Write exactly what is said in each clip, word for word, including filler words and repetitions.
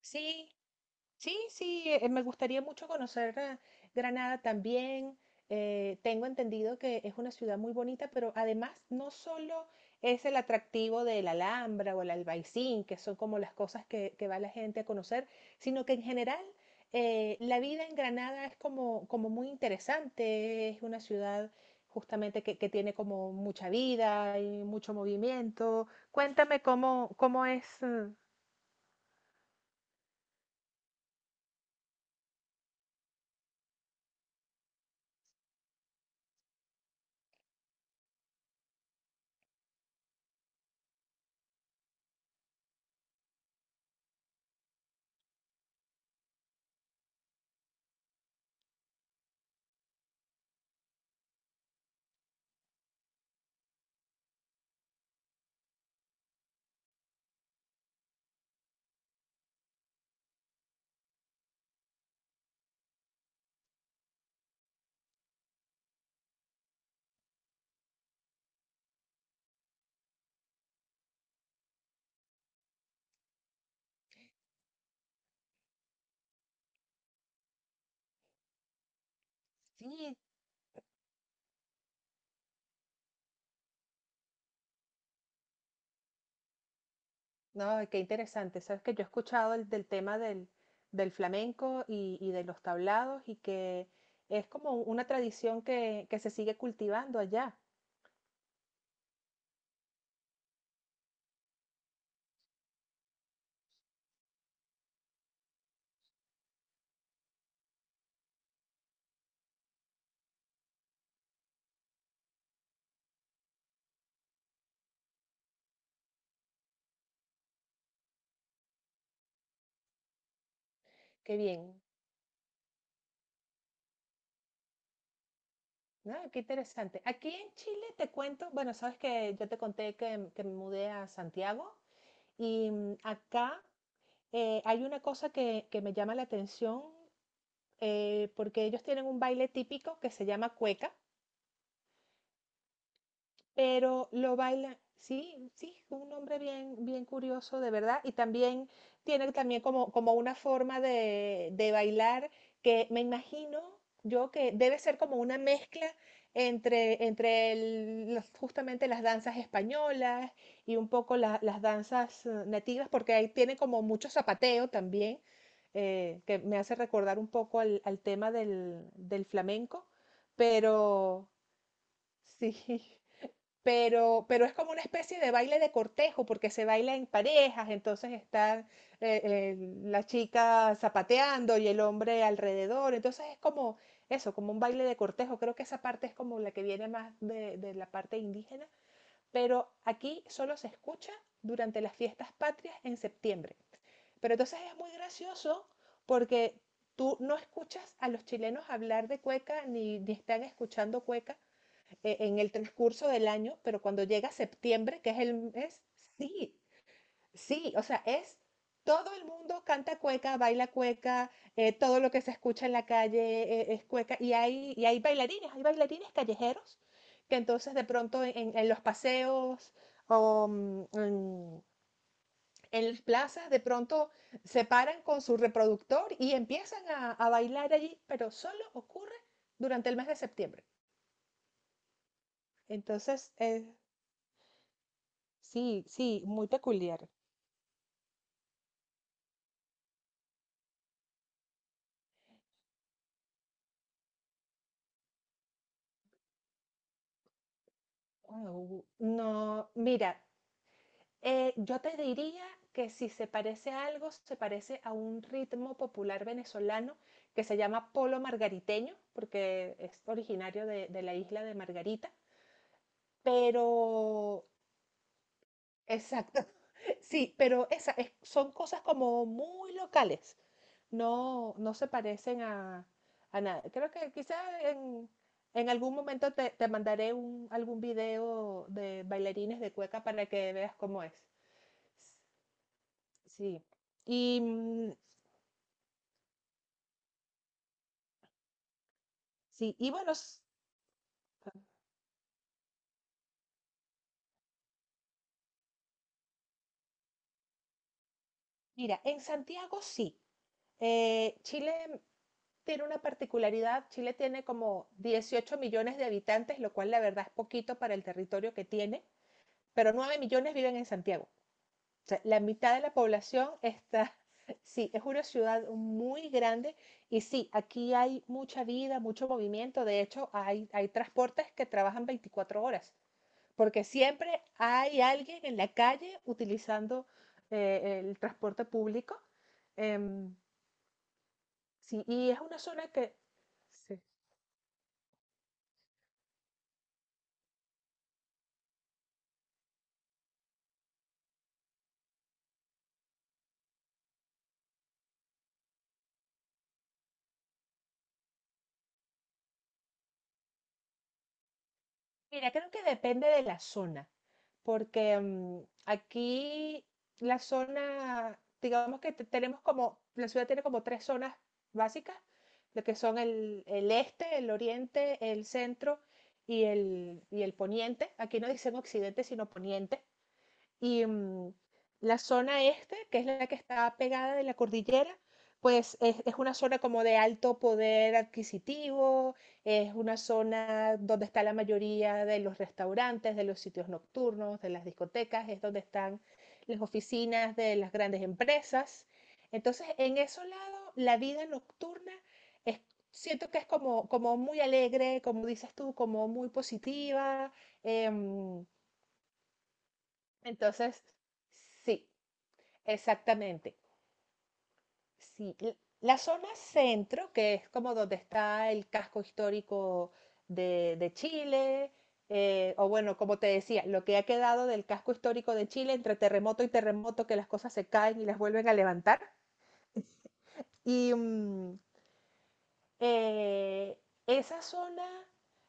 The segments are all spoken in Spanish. Sí, sí, sí, eh, me gustaría mucho conocer eh, Granada también. Eh, tengo entendido que es una ciudad muy bonita, pero además no solo es el atractivo de la Alhambra o el Albaicín, que son como las cosas que, que va la gente a conocer, sino que en general eh, la vida en Granada es como, como muy interesante. Es una ciudad justamente que, que tiene como mucha vida y mucho movimiento. Cuéntame cómo, cómo es. eh, Sí. No, qué interesante. Sabes que yo he escuchado el, del tema del, del flamenco y, y de los tablados y que es como una tradición que, que se sigue cultivando allá. Qué bien. No, qué interesante. Aquí en Chile te cuento, bueno, sabes que yo te conté que, mm, que me mudé a Santiago y mm, acá eh, hay una cosa que, que me llama la atención eh, porque ellos tienen un baile típico que se llama cueca, pero lo baila, sí, sí, un hombre bien, bien curioso, de verdad, y también tiene también como, como una forma de, de bailar que me imagino yo que debe ser como una mezcla entre, entre el- las- justamente las danzas españolas y un poco la- las danzas eh, nativas, porque ahí tiene como mucho zapateo también, eh, que me hace recordar un poco al, al tema del, del flamenco, pero sí. pero, pero es como una especie de baile de cortejo, porque se baila en parejas, entonces están eh, eh, la chica zapateando y el hombre alrededor, entonces es como eso, como un baile de cortejo, creo que esa parte es como la que viene más de, de la parte indígena, pero aquí solo se escucha durante las fiestas patrias en septiembre. Pero entonces es muy gracioso porque tú no escuchas a los chilenos hablar de cueca ni, ni están escuchando cueca, eh, en el transcurso del año, pero cuando llega septiembre, que es el mes, sí, sí, o sea, es todo el mundo canta cueca, baila cueca, eh, todo lo que se escucha en la calle eh, es cueca, y hay, y hay bailarines, hay bailarines callejeros que entonces de pronto en, en- en los paseos o mm, en, en las plazas de pronto se paran con su reproductor y empiezan a, a bailar allí, pero solo ocurre durante el mes de septiembre. Entonces, es... Sí, sí, muy peculiar. Guau, no, mira, eh, yo te diría que si se parece a algo, se parece a un ritmo popular venezolano que se llama polo margariteño, porque es originario de, de la isla de Margarita, pero... Exacto. Sí, pero esa es- son cosas como muy locales. No, no se parecen a, a nada. Creo que quizá en, en algún momento te, te mandaré un, algún video de bailarines de cueca para que veas cómo es. Sí. Y, mm, sí, y bueno, s- mira, en Santiago sí. Eh, Chile tiene una particularidad. Chile tiene como dieciocho millones de habitantes, lo cual la verdad es poquito para el territorio que tiene, pero nueve millones viven en Santiago. O sea, la mitad de la población está... Sí, es una ciudad muy grande y sí, aquí hay mucha vida, mucho movimiento. De hecho, hay, hay transportes que trabajan veinticuatro horas, porque siempre hay alguien en la calle utilizando eh, el transporte público. Em, sí, y es una zona que... Sí. Mira, creo que depende de la zona, porque mm, aquí la zona, digamos que te- tenemos como, la ciudad tiene como tres zonas básicas, lo que son el, el este, el oriente, el centro y el, y el poniente. Aquí no dicen occidente, sino poniente. Y mm, la zona este, que es la que está pegada de la cordillera, pues es, es una zona como de alto poder adquisitivo, es una zona donde está la mayoría de los restaurantes, de los sitios nocturnos, de las discotecas, es donde están las oficinas de las grandes empresas. Entonces, en ese lado, la vida nocturna es, siento que es como, como muy alegre, como dices tú, como muy positiva. em, entonces, sí. Exactamente. Sí, l- la zona centro, que es como donde está el casco histórico de, de Chile, eh, o bueno, como te decía, lo que ha quedado del casco histórico de Chile entre terremoto y terremoto, que las cosas se caen y las vuelven a levantar. Y, mm, eh, esa zona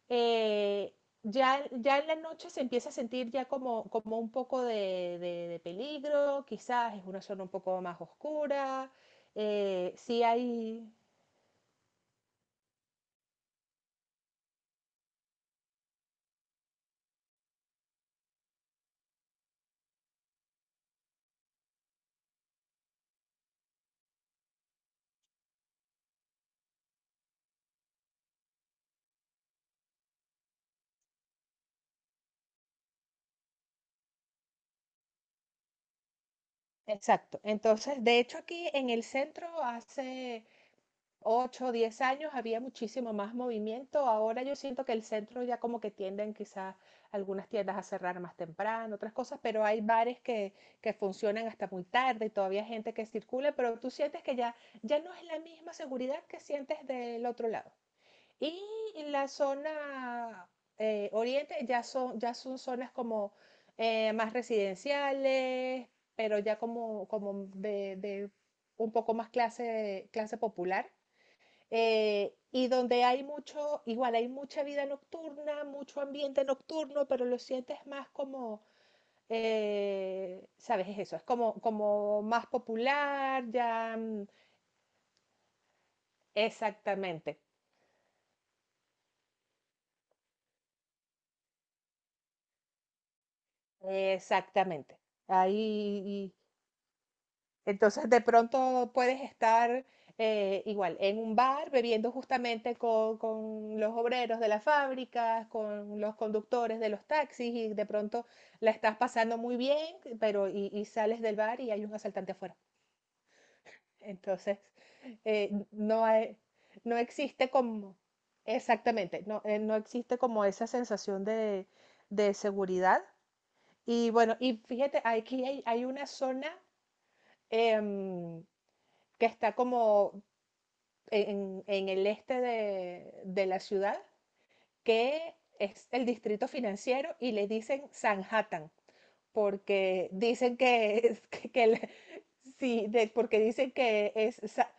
eh, ya, ya en la noche se empieza a sentir ya como, como un poco de, de- de peligro, quizás es una zona un poco más oscura, eh, sí hay. Exacto. Entonces, de hecho, aquí en el centro hace ocho o diez años había muchísimo más movimiento. Ahora yo siento que el centro ya como que tienden quizás algunas tiendas a cerrar más temprano, otras cosas, pero hay bares que, que funcionan hasta muy tarde y todavía hay gente que circula, pero tú sientes que ya, ya no es la misma seguridad que sientes del otro lado. Y en la zona eh, oriente ya son, ya son zonas como eh, más residenciales, pero ya como, como de, de un poco más clase, clase popular. eh, y donde hay mucho, igual hay mucha vida nocturna, mucho ambiente nocturno, pero lo sientes más como, eh, ¿sabes? Es eso, es como, como más popular, ya, mm, exactamente, exactamente. Ahí... Entonces, de pronto puedes estar eh, igual en un bar bebiendo justamente con, con los obreros de las fábricas, con los conductores de los taxis y de pronto la estás pasando muy bien, pero y, y sales del bar y hay un asaltante afuera. Entonces, eh, no hay, no existe como... Exactamente, no, eh, no existe como esa sensación de, de seguridad. Y bueno, y fíjate, aquí hay, hay una zona... em, que está como en, en el este de, de la ciudad, que es el distrito financiero y le dicen Sanhattan, porque dicen que, que, que el- sí, de- porque dicen que es Sa-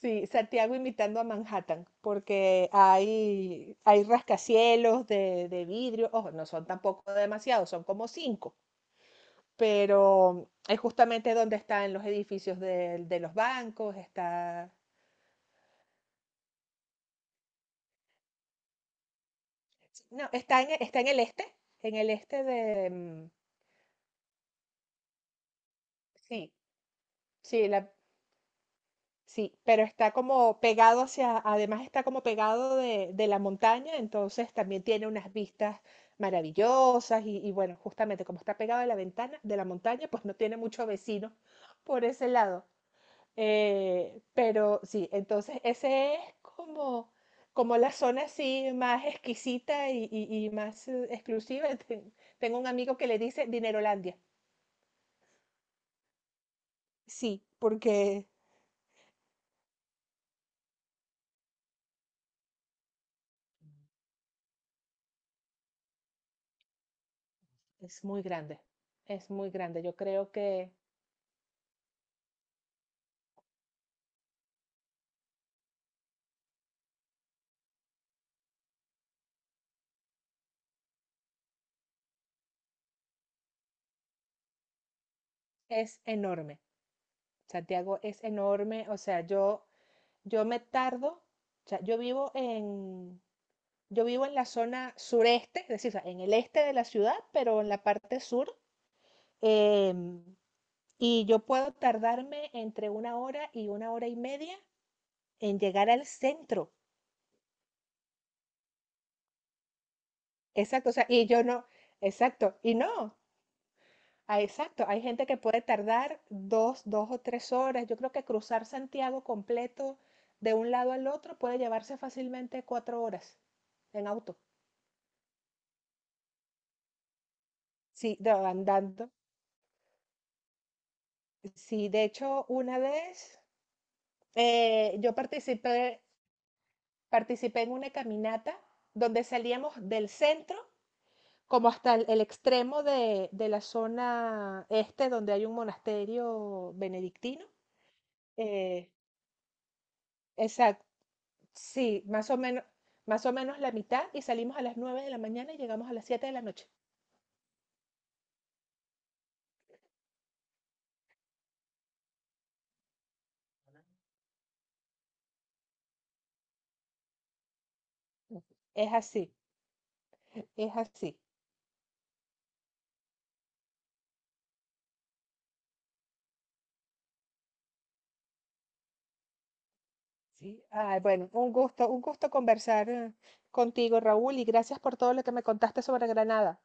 sí, Santiago imitando a Manhattan, porque hay, hay rascacielos de, de vidrio, ojo, no son tampoco demasiados, son como cinco, pero es justamente donde están los edificios de, de los bancos, está... No, está en, e, está en el este, en el este de... mm, sí, sí, la, sí, pero está como pegado hacia, además está como pegado de, de la montaña, entonces también tiene unas vistas maravillosas y, y bueno, justamente como está pegado de la ventana, de la montaña, pues no tiene mucho vecino por ese lado. Eh, pero sí, entonces ese es como, como la zona así más exquisita y, y- y más eh, exclusiva. Ten- Tengo un amigo que le dice Dinerolandia. Sí, porque... Es muy grande, es muy grande. Yo creo que es enorme. Santiago es enorme. O sea, yo, yo me tardo. O sea, yo vivo en, yo vivo en la zona sureste, es decir, o sea, en el este de la ciudad, pero en la parte sur. em, y yo puedo tardarme entre una hora y una hora y media en llegar al centro. Exacto, o sea, y yo no, exacto. Y no, ah, exacto, hay gente que puede tardar dos, dos o tres horas. Yo creo que cruzar Santiago completo de un lado al otro puede llevarse fácilmente cuatro horas en auto. Sí, de- andando. Sí, de hecho, una vez eh, yo participé, participé en una caminata donde salíamos del centro como hasta el, el extremo de, de la zona este donde hay un monasterio benedictino. Eh, Sí, más o menos, más o menos la mitad y salimos a las nueve de la mañana y llegamos a las siete de la noche. Es así, es así. Sí. Ay, bueno, un gusto, un gusto conversar eh, contigo, Raúl, y gracias por todo lo que me contaste sobre Granada.